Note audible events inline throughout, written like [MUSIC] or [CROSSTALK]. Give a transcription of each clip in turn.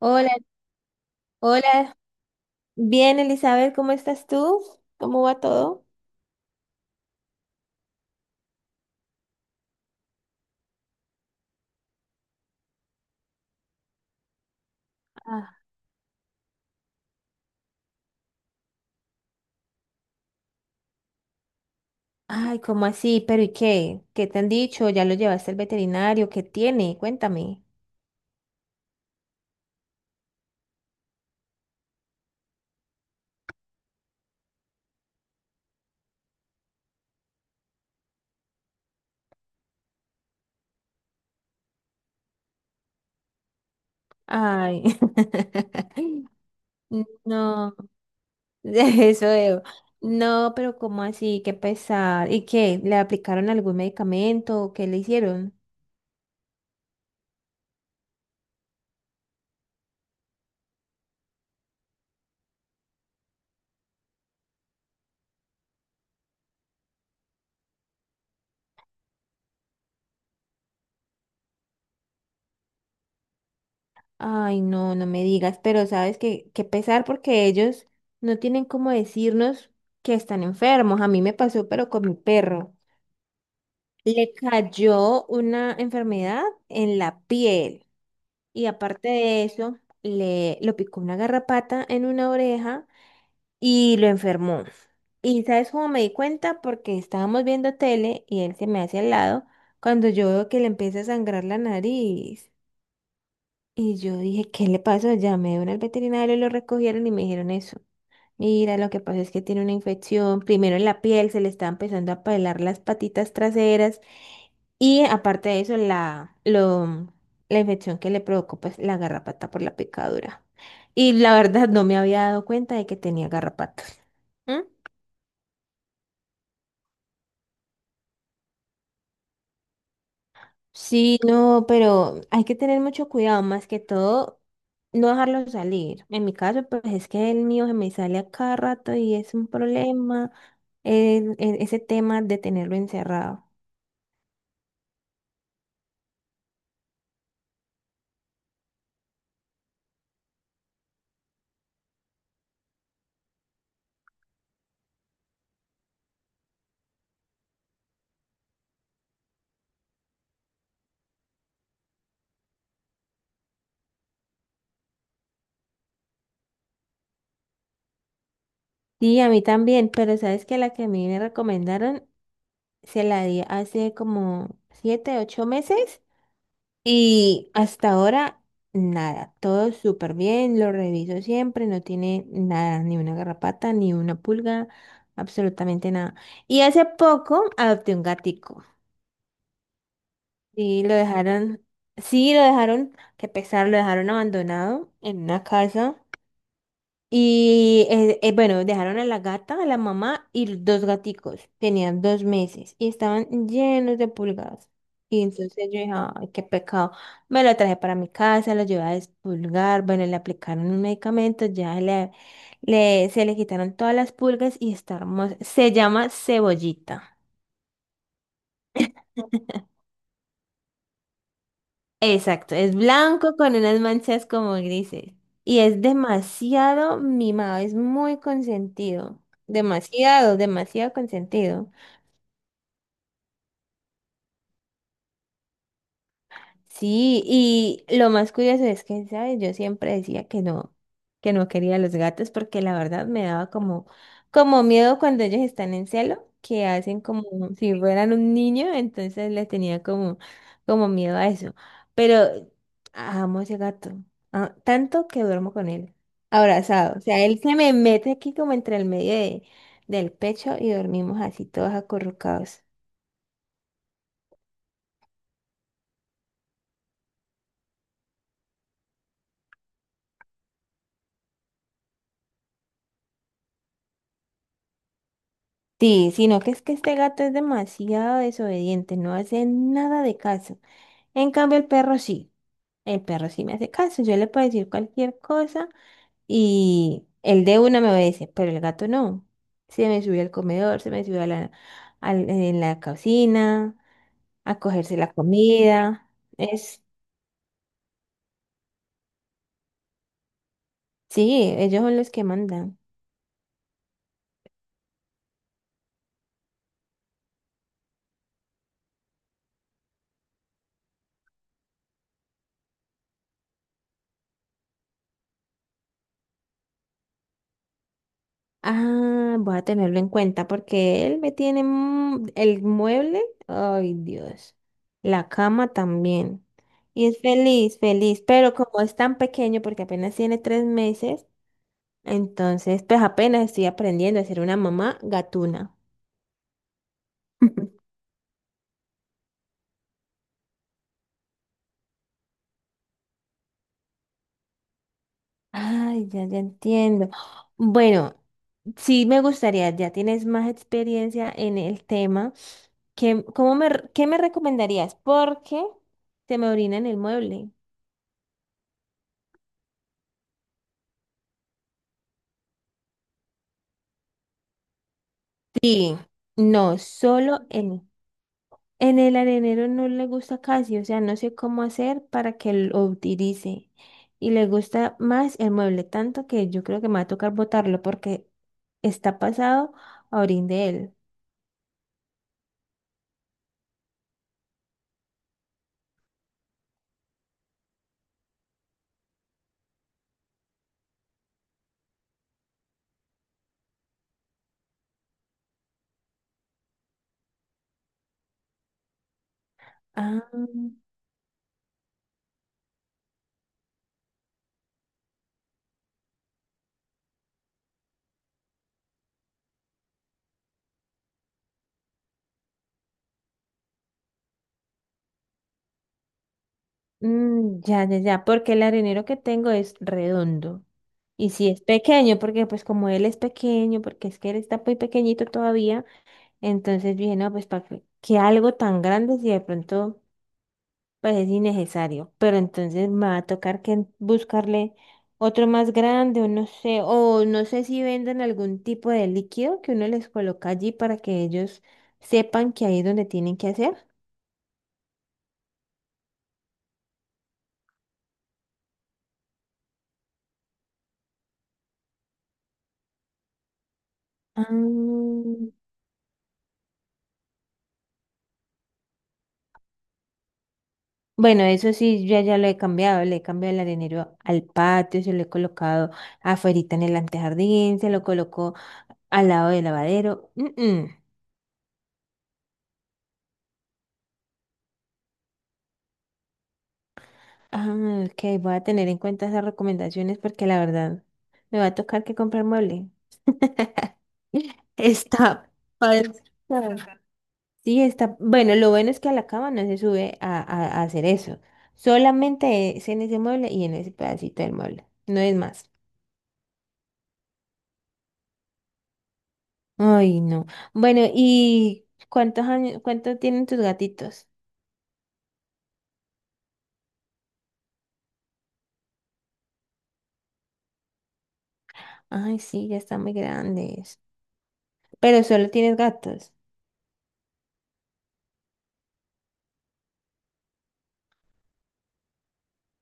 Hola, hola. Bien, Elizabeth, ¿cómo estás tú? ¿Cómo va todo? Ah. Ay, ¿cómo así? ¿Pero y qué? ¿Qué te han dicho? ¿Ya lo llevaste al veterinario? ¿Qué tiene? Cuéntame. Ay. [LAUGHS] No, [LAUGHS] eso veo. No, pero ¿cómo así? Qué pesar. ¿Y qué? ¿Le aplicaron algún medicamento? ¿Qué le hicieron? Ay, no, no me digas, pero sabes que qué pesar porque ellos no tienen cómo decirnos que están enfermos. A mí me pasó, pero con mi perro. Le cayó una enfermedad en la piel y aparte de eso, le lo picó una garrapata en una oreja y lo enfermó. Y sabes cómo me di cuenta porque estábamos viendo tele y él se me hace al lado cuando yo veo que le empieza a sangrar la nariz. Y yo dije, ¿qué le pasó? Llamé a un al veterinario, lo recogieron y me dijeron eso. Mira, lo que pasa es que tiene una infección, primero en la piel, se le está empezando a pelar las patitas traseras y aparte de eso, la infección que le provocó pues la garrapata por la picadura. Y la verdad no me había dado cuenta de que tenía garrapatas. ¿Mm? Sí, no, pero hay que tener mucho cuidado, más que todo, no dejarlo salir. En mi caso, pues es que el mío se me sale a cada rato y es un problema, ese tema de tenerlo encerrado. Sí, a mí también, pero sabes que la que a mí me recomendaron se la di hace como 7, 8 meses y hasta ahora nada, todo súper bien, lo reviso siempre, no tiene nada, ni una garrapata, ni una pulga, absolutamente nada. Y hace poco adopté un gatico y lo dejaron, sí, lo dejaron, qué pesar, lo dejaron abandonado en una casa. Y bueno, dejaron a la gata, a la mamá y los dos gaticos. Tenían 2 meses y estaban llenos de pulgadas. Y entonces yo dije, ay, qué pecado. Me lo traje para mi casa, lo llevé a despulgar. Bueno, le aplicaron un medicamento, se le quitaron todas las pulgas y está hermoso. Se llama cebollita. Exacto, es blanco con unas manchas como grises. Y es demasiado mimado, es muy consentido. Demasiado, demasiado consentido. Sí, y lo más curioso es que, ¿sabes? Yo siempre decía que no quería los gatos porque la verdad me daba como miedo cuando ellos están en celo, que hacen como si fueran un niño, entonces le tenía como miedo a eso. Pero amo ese gato, ah, tanto que duermo con él, abrazado. O sea, él se me mete aquí como entre el medio del pecho y dormimos así todos acurrucados. Sí, sino que es que este gato es demasiado desobediente, no hace nada de caso. En cambio, el perro sí. El perro sí me hace caso. Yo le puedo decir cualquier cosa y el de una me obedece, pero el gato no. Se me subió al comedor, se me subió en la cocina, a cogerse la comida. Es, sí, ellos son los que mandan. Ah, voy a tenerlo en cuenta porque él me tiene el mueble. Ay, Dios. La cama también. Y es feliz, feliz. Pero como es tan pequeño, porque apenas tiene 3 meses, entonces pues apenas estoy aprendiendo a ser una mamá gatuna. [LAUGHS] Ay, ya, ya entiendo. Bueno, sí me gustaría, ya tienes más experiencia en el tema. ¿Qué, qué me recomendarías? Porque se me orina en el mueble. Sí, no, solo en, el arenero no le gusta casi, o sea, no sé cómo hacer para que lo utilice. Y le gusta más el mueble, tanto que yo creo que me va a tocar botarlo porque está pasado a orín de él. Ah, mm, ya, ya, ya, porque el arenero que tengo es redondo. Y si es pequeño, porque pues como él es pequeño, porque es que él está muy pequeñito todavía, entonces dije, no, pues para que algo tan grande si de pronto... pues es innecesario. Pero entonces me va a tocar que buscarle otro más grande o no sé si venden algún tipo de líquido que uno les coloca allí para que ellos sepan que ahí es donde tienen que hacer. Ah, bueno, eso sí, yo ya lo he cambiado, le he cambiado el arenero al patio, se lo he colocado afuerita en el antejardín, se lo colocó al lado del lavadero. Mm, mm. Ah, ok, voy a tener en cuenta esas recomendaciones porque la verdad me va a tocar que comprar mueble. Está pa' Sí, está. Bueno, lo bueno es que a la cama no se sube a hacer eso. Solamente es en ese mueble y en ese pedacito del mueble. No es más. Ay, no. Bueno, ¿y cuántos años, cuánto tienen tus gatitos? Ay, sí, ya están muy grandes. Pero solo tienes gatos.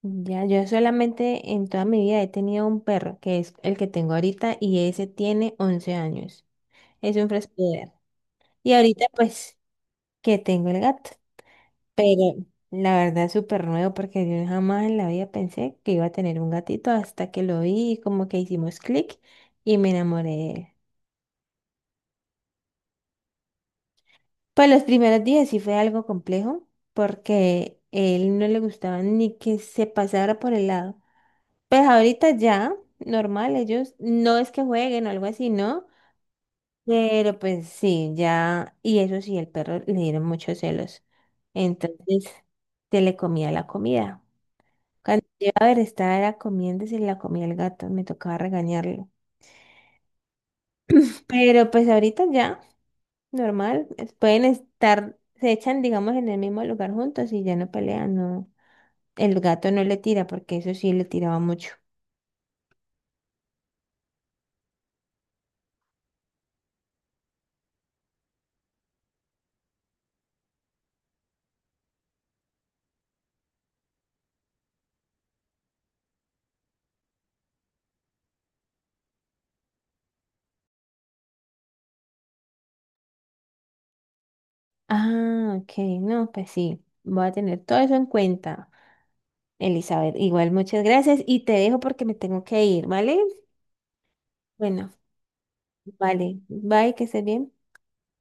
Ya, yo solamente en toda mi vida he tenido un perro, que es el que tengo ahorita, y ese tiene 11 años. Es un fresco. Y ahorita, pues, que tengo el gato. Pero la verdad es súper nuevo porque yo jamás en la vida pensé que iba a tener un gatito hasta que lo vi y como que hicimos clic y me enamoré de él. Pues los primeros días sí fue algo complejo porque él no le gustaba ni que se pasara por el lado. Pues ahorita ya, normal, ellos no es que jueguen o algo así, ¿no? Pero pues sí, ya, y eso sí, el perro le dieron muchos celos. Entonces se le comía la comida. Cuando yo a ver, estaba era comiendo y se la comía el gato, me tocaba regañarlo. Pero pues ahorita ya, normal, pueden estar, se echan, digamos, en el mismo lugar juntos y ya no pelean, no. El gato no le tira porque eso sí le tiraba mucho. Ah, ok, no, pues sí, voy a tener todo eso en cuenta, Elizabeth. Igual, muchas gracias y te dejo porque me tengo que ir, ¿vale? Bueno, vale, bye, que estés bien.